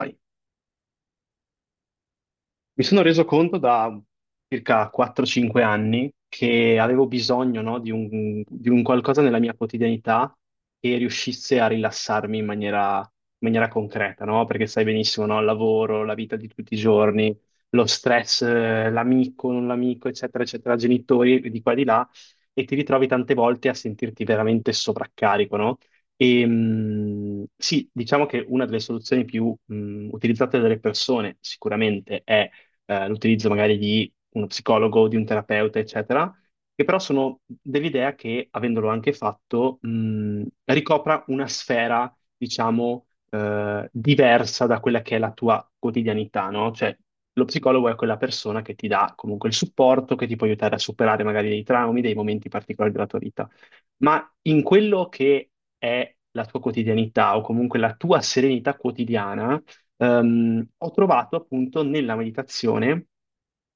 Sì, mi sono reso conto da circa 4-5 anni che avevo bisogno, no, di un qualcosa nella mia quotidianità che riuscisse a rilassarmi in maniera concreta, no? Perché sai benissimo, no? Il lavoro, la vita di tutti i giorni, lo stress, l'amico, non l'amico, eccetera, eccetera, genitori di qua e di là, e ti ritrovi tante volte a sentirti veramente sovraccarico, no? E, sì, diciamo che una delle soluzioni più utilizzate dalle persone sicuramente è l'utilizzo magari di uno psicologo, di un terapeuta, eccetera, che però sono dell'idea che, avendolo anche fatto, ricopra una sfera, diciamo, diversa da quella che è la tua quotidianità, no? Cioè, lo psicologo è quella persona che ti dà comunque il supporto, che ti può aiutare a superare magari dei traumi, dei momenti particolari della tua vita. Ma in quello che è la tua quotidianità o comunque la tua serenità quotidiana, ho trovato appunto nella meditazione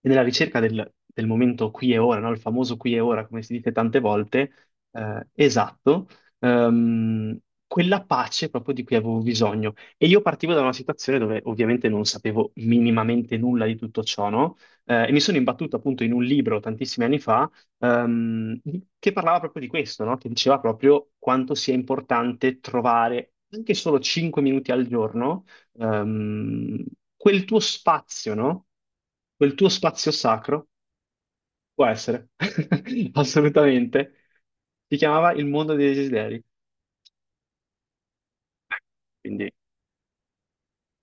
e nella ricerca del momento qui e ora, no? Il famoso qui e ora, come si dice tante volte, esatto, ehm, quella pace proprio di cui avevo bisogno. E io partivo da una situazione dove ovviamente non sapevo minimamente nulla di tutto ciò, no? E mi sono imbattuto appunto in un libro tantissimi anni fa, che parlava proprio di questo, no? Che diceva proprio quanto sia importante trovare anche solo 5 minuti al giorno, ehm, quel tuo spazio, no? Quel tuo spazio sacro può essere, assolutamente. Si chiamava Il mondo dei desideri. Quindi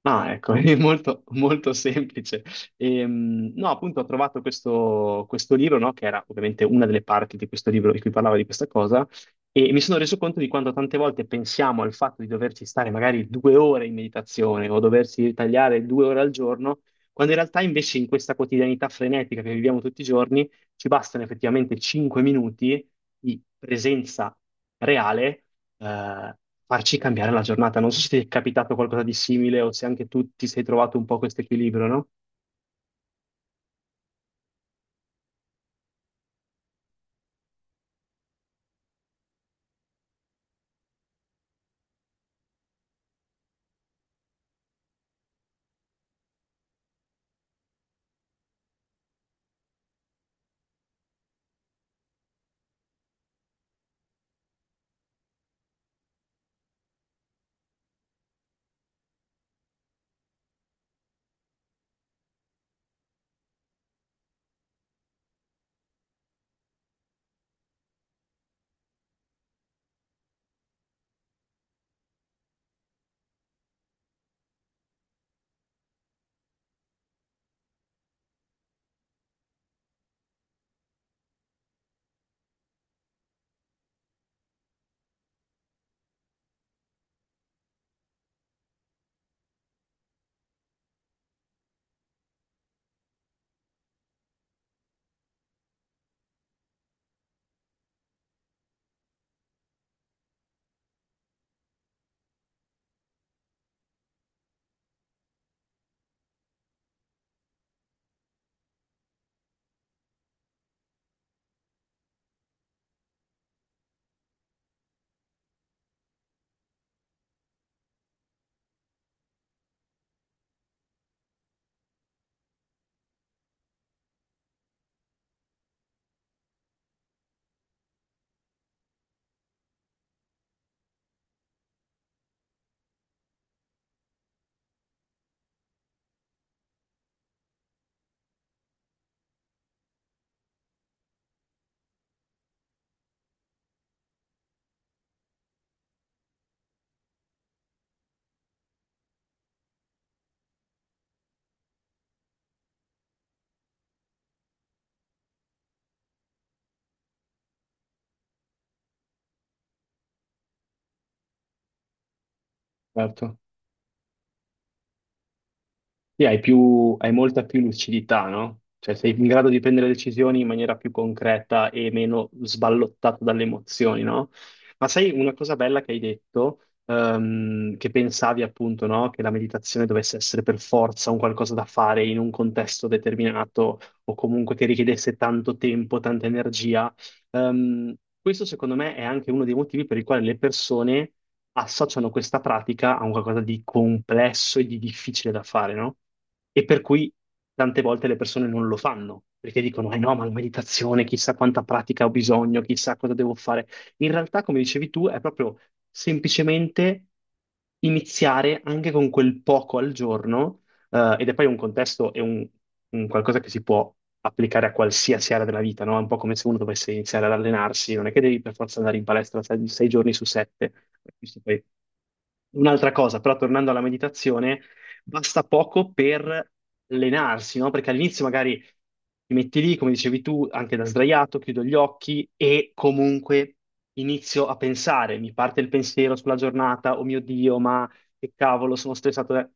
Ah, ecco, è molto, molto semplice. No, appunto, ho trovato questo libro, no, che era ovviamente una delle parti di questo libro di cui parlava di questa cosa, e mi sono reso conto di quanto tante volte pensiamo al fatto di doverci stare magari 2 ore in meditazione o doversi ritagliare 2 ore al giorno, quando in realtà invece in questa quotidianità frenetica che viviamo tutti i giorni ci bastano effettivamente 5 minuti di presenza reale eh, farci cambiare la giornata. Non so se ti è capitato qualcosa di simile o se anche tu ti sei trovato un po' questo equilibrio, no? Certo. Sì, hai molta più lucidità, no? Cioè sei in grado di prendere decisioni in maniera più concreta e meno sballottato dalle emozioni, no? Ma sai una cosa bella che hai detto, che pensavi appunto, no? Che la meditazione dovesse essere per forza un qualcosa da fare in un contesto determinato o comunque che richiedesse tanto tempo, tanta energia. Ehm, questo secondo me è anche uno dei motivi per i quali le persone associano questa pratica a un qualcosa di complesso e di difficile da fare, no? E per cui tante volte le persone non lo fanno, perché dicono, eh no, ma la meditazione, chissà quanta pratica ho bisogno, chissà cosa devo fare. In realtà, come dicevi tu, è proprio semplicemente iniziare anche con quel poco al giorno, ed è poi un contesto e un qualcosa che si può applicare a qualsiasi area della vita, no? È un po' come se uno dovesse iniziare ad allenarsi, non è che devi per forza andare in palestra sei giorni su sette. Questo poi è un'altra cosa, però tornando alla meditazione, basta poco per allenarsi, no? Perché all'inizio magari ti metti lì, come dicevi tu, anche da sdraiato, chiudo gli occhi e comunque inizio a pensare, mi parte il pensiero sulla giornata, oh mio Dio, ma che cavolo, sono stressato.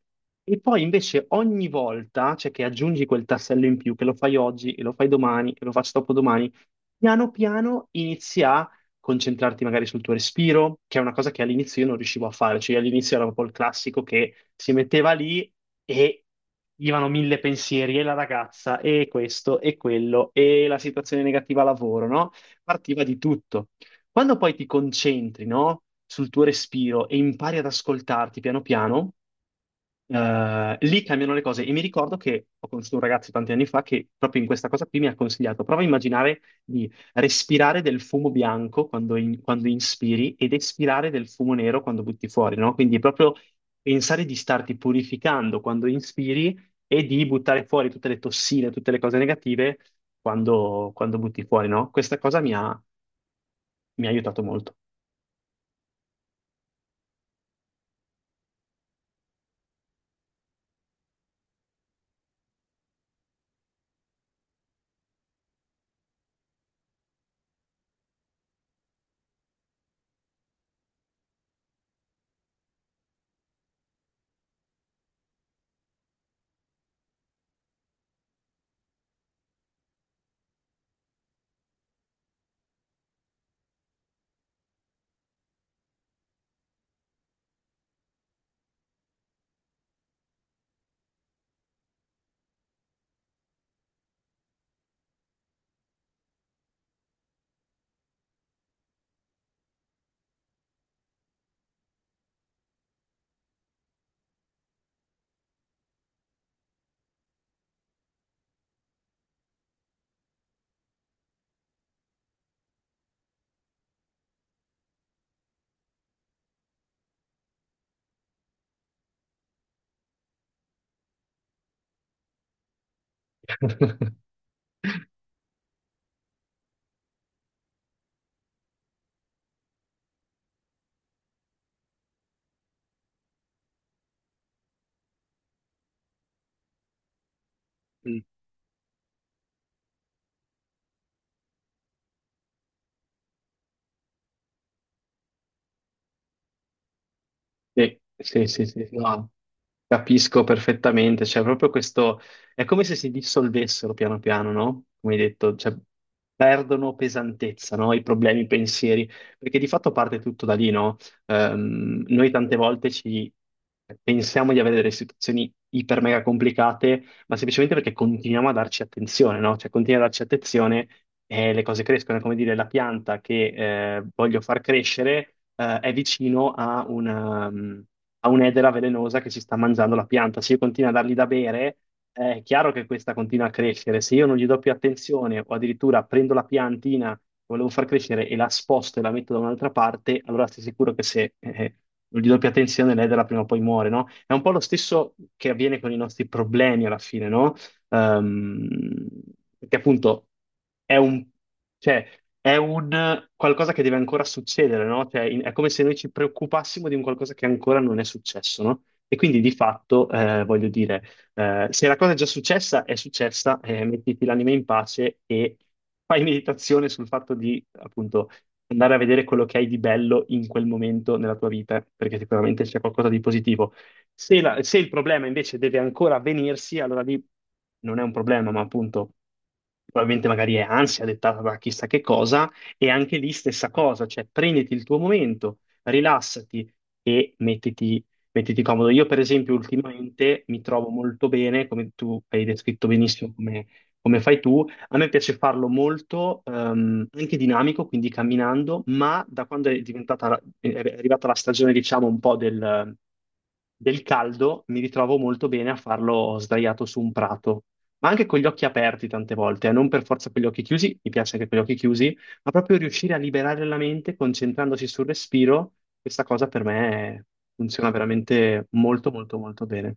E poi invece ogni volta, cioè che aggiungi quel tassello in più, che lo fai oggi, e lo fai domani, e lo faccio dopodomani, piano piano inizi a concentrarti magari sul tuo respiro, che è una cosa che all'inizio io non riuscivo a fare, cioè all'inizio era proprio il classico che si metteva lì e gli vanno mille pensieri, e la ragazza, e questo, e quello, e la situazione negativa al lavoro, no? Partiva di tutto. Quando poi ti concentri, no, sul tuo respiro e impari ad ascoltarti piano piano, lì cambiano le cose. E mi ricordo che ho conosciuto un ragazzo tanti anni fa che proprio in questa cosa qui mi ha consigliato, prova a immaginare di respirare del fumo bianco quando inspiri ed espirare del fumo nero quando butti fuori, no? Quindi proprio pensare di starti purificando quando inspiri e di buttare fuori tutte le tossine, tutte le cose negative quando butti fuori, no? Questa cosa mi ha aiutato molto. Mm. Sì, sì, sì, sì, no, capisco perfettamente, cioè proprio questo, è come se si dissolvessero piano piano, no? Come hai detto, cioè, perdono pesantezza, no? I problemi, i pensieri, perché di fatto parte tutto da lì, no? Noi tante volte ci pensiamo di avere delle situazioni iper mega complicate, ma semplicemente perché continuiamo a darci attenzione, no? Cioè continuiamo a darci attenzione e le cose crescono. È come dire, la pianta che voglio far crescere è vicino a un'edera velenosa che si sta mangiando la pianta. Se io continuo a dargli da bere, è chiaro che questa continua a crescere. Se io non gli do più attenzione o addirittura prendo la piantina volevo far crescere e la sposto e la metto da un'altra parte, allora stai sicuro che se di doppia tensione l'edera prima o poi muore, no? È un po' lo stesso che avviene con i nostri problemi alla fine, no? Ehm, perché appunto è un, cioè, è un qualcosa che deve ancora succedere, no? Cioè, è come se noi ci preoccupassimo di un qualcosa che ancora non è successo, no? E quindi di fatto, voglio dire, se la cosa è già successa, è successa, mettiti l'anima in pace e fai meditazione sul fatto di, appunto, andare a vedere quello che hai di bello in quel momento nella tua vita, perché sicuramente c'è qualcosa di positivo. Se il problema invece deve ancora avvenirsi, allora lì non è un problema, ma appunto probabilmente magari è ansia dettata da chissà che cosa, e anche lì stessa cosa, cioè prenditi il tuo momento, rilassati e mettiti comodo. Io, per esempio, ultimamente mi trovo molto bene, come tu hai descritto benissimo come fai tu. A me piace farlo molto, anche dinamico, quindi camminando, ma da quando è arrivata la stagione, diciamo, un po' del caldo, mi ritrovo molto bene a farlo sdraiato su un prato, ma anche con gli occhi aperti tante volte, non per forza con gli occhi chiusi, mi piace anche con gli occhi chiusi, ma proprio riuscire a liberare la mente concentrandosi sul respiro, questa cosa per me funziona veramente molto, molto, molto bene.